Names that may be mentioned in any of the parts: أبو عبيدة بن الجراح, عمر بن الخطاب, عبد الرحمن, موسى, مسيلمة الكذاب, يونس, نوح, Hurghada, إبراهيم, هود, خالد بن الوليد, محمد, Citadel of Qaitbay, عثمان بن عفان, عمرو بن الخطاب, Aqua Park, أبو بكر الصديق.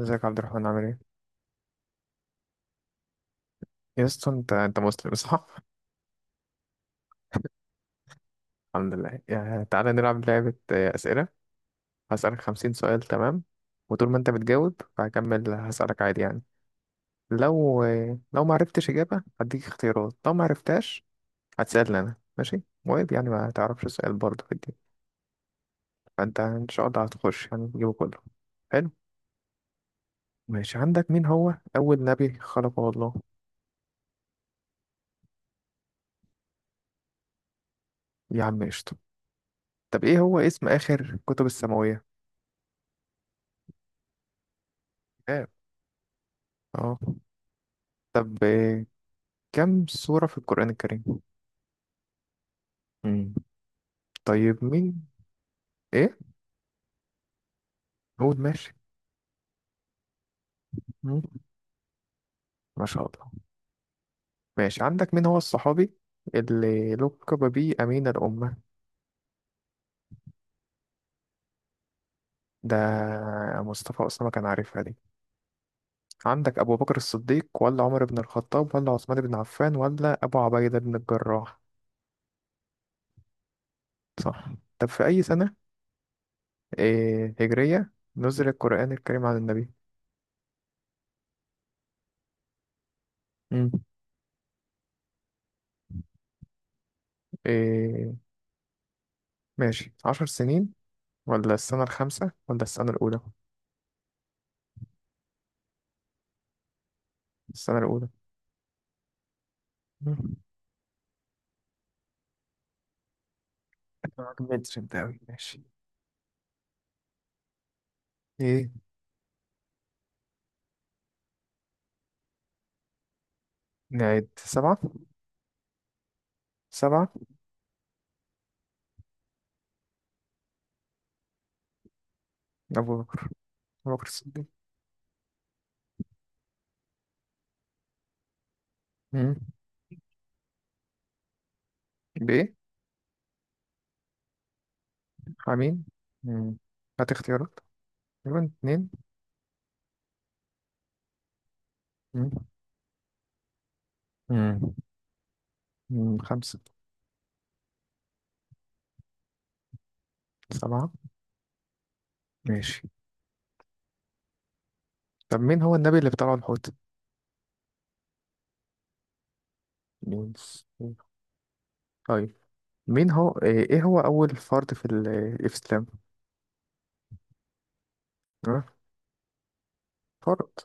ازيك يا عبد الرحمن، عامل ايه؟ يا اسطى انت مسلم صح؟ الحمد لله. يعني تعالى نلعب لعبة أسئلة. هسألك 50 سؤال، تمام؟ وطول ما انت بتجاوب فهكمل هسألك عادي يعني. لو ما عرفتش إجابة هديك اختيارات، لو ما عرفتهاش هتسألني أنا، ماشي؟ وعيب يعني ما تعرفش السؤال برضه في الدين. فانت إن شاء الله هتخش يعني تجيبه كله، حلو؟ ماشي، عندك مين هو أول نبي خلقه الله؟ يا عم قشطة. طب ايه هو اسم آخر كتب السماوية؟ اه. اه. طب كم سورة في القرآن الكريم؟ مم. طيب مين؟ إيه؟ قول ماشي. مم. ما شاء الله. ماشي، عندك مين هو الصحابي اللي لقب به أمين الأمة؟ ده مصطفى أسامة كان عارفها دي. عندك أبو بكر الصديق ولا عمر بن الخطاب ولا عثمان بن عفان ولا أبو عبيدة بن الجراح؟ صح. طب في أي سنة هجرية نزل القرآن الكريم على النبي؟ مم. إيه، ماشي، 10 سنين ولا السنة الخامسة ولا السنة الأولى؟ السنة الأولى. متر ده أوي، ماشي. إيه نعد؟ سبعة. سبعة. أبو بكر، أبو بكر الصديق. مم. بيه. حميم. مم. هات اختيارات. تقريبا اتنين. مم. مم. مم. خمسة. سبعة. ماشي. طب مين هو النبي اللي بطلعه الحوت؟ يونس. طيب مين هو إيه هو أول فرد في الإسلام؟ أه؟ فرد.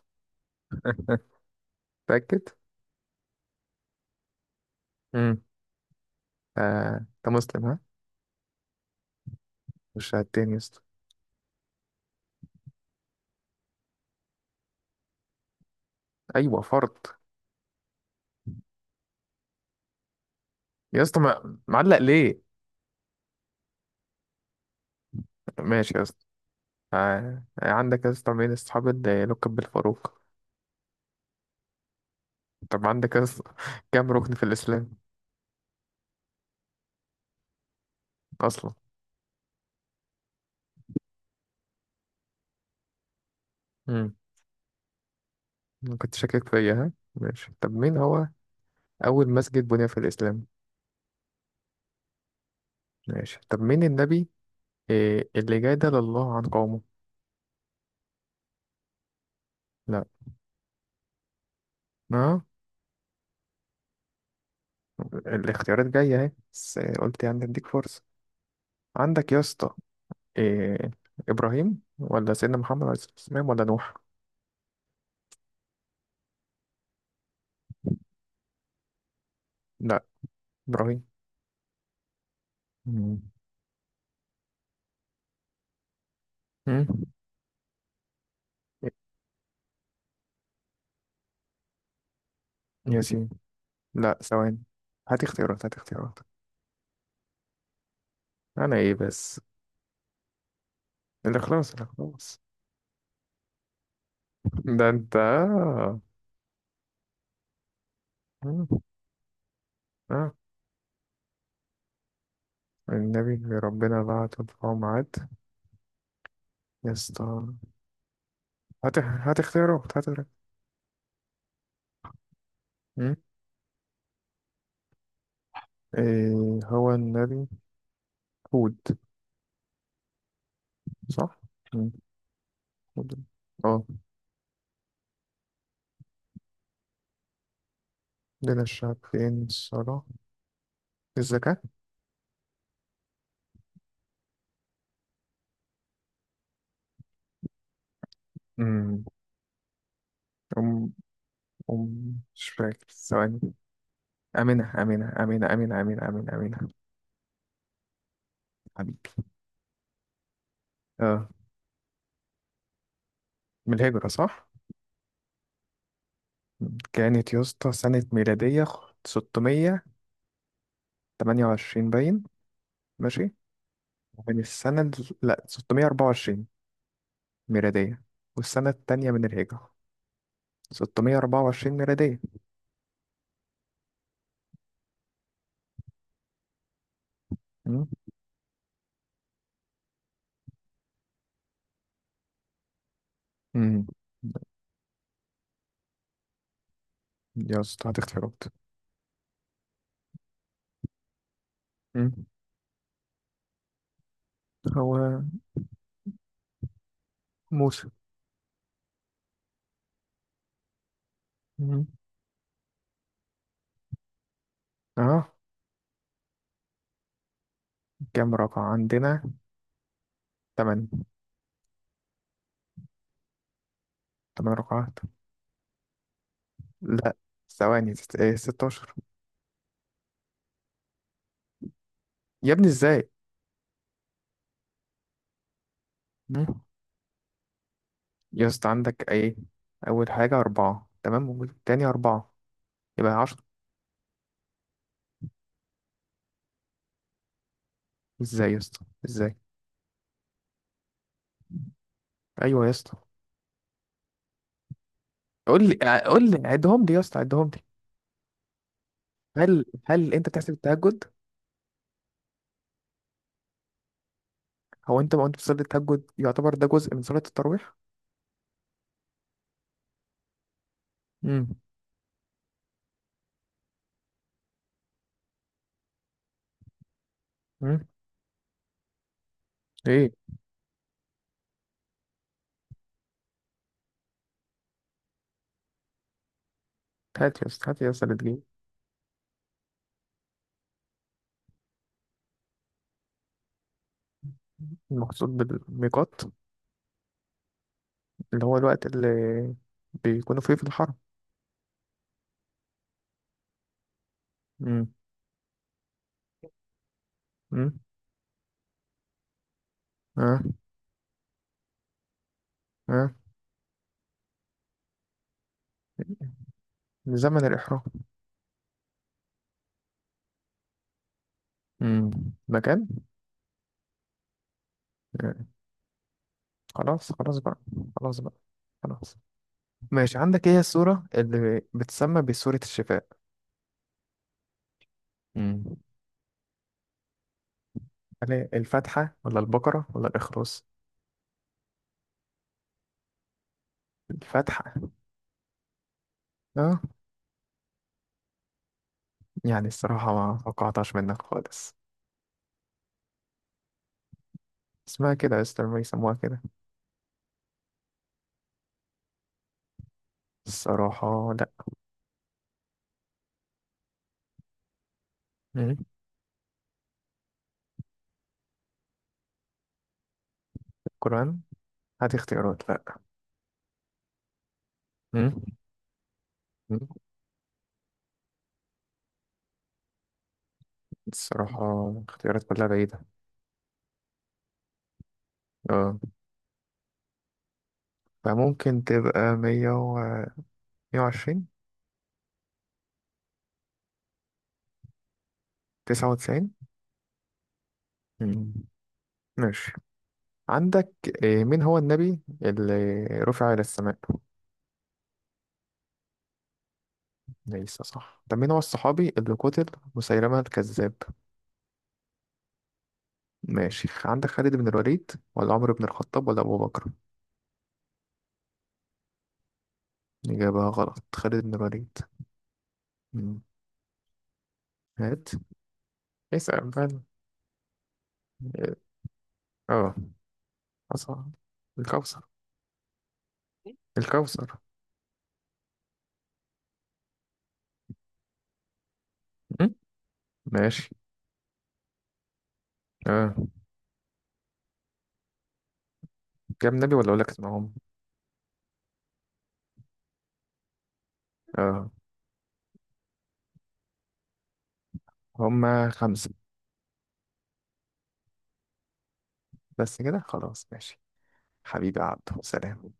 متأكد؟ مم. أنت مسلم، ها؟ مش هتاني يا اسطى. أيوه، فرد. يا اسطى معلق ليه؟ ماشي يا اسطى. عندك يا اسطى مين اصحاب اللي يلقب بالفاروق؟ طب عندك يا اسطى كام ركن في الاسلام اصلا؟ امم. كنت شاكك فيا، ها؟ ماشي. طب مين هو اول مسجد بني في الاسلام؟ ماشي. طب مين النبي اللي جادل الله عن قومه؟ لا. اه. الاختيارات جايه اهي، بس قلت يعني اديك فرصه. عندك يا اسطى إيه ابراهيم ولا سيدنا محمد عليه الصلاه والسلام ولا نوح؟ لا، ابراهيم. امم. ياسين. لا، ثواني، هات اختيارات، هات اختيارات. انا ايه بس؟ الاخلاص، الاخلاص. ده انت آه. مم. آه. النبي اللي ربنا بعت القوم عاد، يا اسطى. هات، هات اختيارات، هات اختيارات. مم. إيه هو النبي؟ هود. صح؟ مم. هود. اه. دين الشعب، فين الصلاة؟ الزكاة. أم أم أم مش فاكر، ثواني. أمينة، أمينة، أمينة، أمينة، أمينة، أمينة، أمينة. حبيبي. اه. من الهجرة صح؟ كانت يا اسطى سنة ميلادية 628. باين. ماشي. من السنة لا 624 ميلادية. والسنة التانية من الهجرة 624 ميلادية. مم. مم. يا اسطى هتختفي. هو موسى. مم. اه. كام رقعة عندنا؟ تمن تمن رقعات. لا، ثواني، ايه، 16. يا ابني ازاي؟ مم. يا اسطى عندك ايه؟ أول حاجة أربعة، تمام، والتاني أربعة، يبقى. ازاي يا اسطى ازاي؟ ايوه يا اسطى. قول لي قول لي عدهم لي يا اسطى، عدهم لي. هل انت بتحسب التهجد؟ هو انت ما انت بتصلي التهجد، يعتبر ده جزء من صلاة التراويح. امم. امم. ايه. هات يا اسطى، هات يا اسطى اللي تجيب. المقصود بالميقات اللي هو الوقت اللي بيكونوا فيه في الحرم. امم. امم. اه. اه. من زمن الإحرام. امم. مكان. آه. خلاص خلاص بقى. خلاص بقى. خلاص. ماشي، عندك ايه هي السورة اللي بتسمى بسورة الشفاء؟ مم. هل هي الفتحة ولا البقرة ولا الإخروس؟ الفتحة. اه. يعني الصراحة ما توقعتهاش منك خالص. اسمها كده يا اسطى لما يسموها كده. الصراحة لا. مم. القرآن. هات اختيارات، لا. مم. مم. الصراحة اختيارات كلها بعيدة. اه. فممكن تبقى 120. 99. مم. ماشي. عندك مين هو النبي اللي رفع إلى السماء؟ ليس صح. طب مين هو الصحابي اللي قتل مسيلمة الكذاب؟ ماشي، عندك خالد بن الوليد ولا عمرو بن الخطاب ولا أبو بكر؟ إجابة غلط، خالد بن الوليد. مم. هات، اسأل بقى. اه. أصعب. الكوثر. الكوثر. مم. ماشي. اه. كام نبي ولا أقول لك اسمهم؟ اه. هما خمسة. بس كده، خلاص، ماشي. حبيبي يا عبدو، سلام.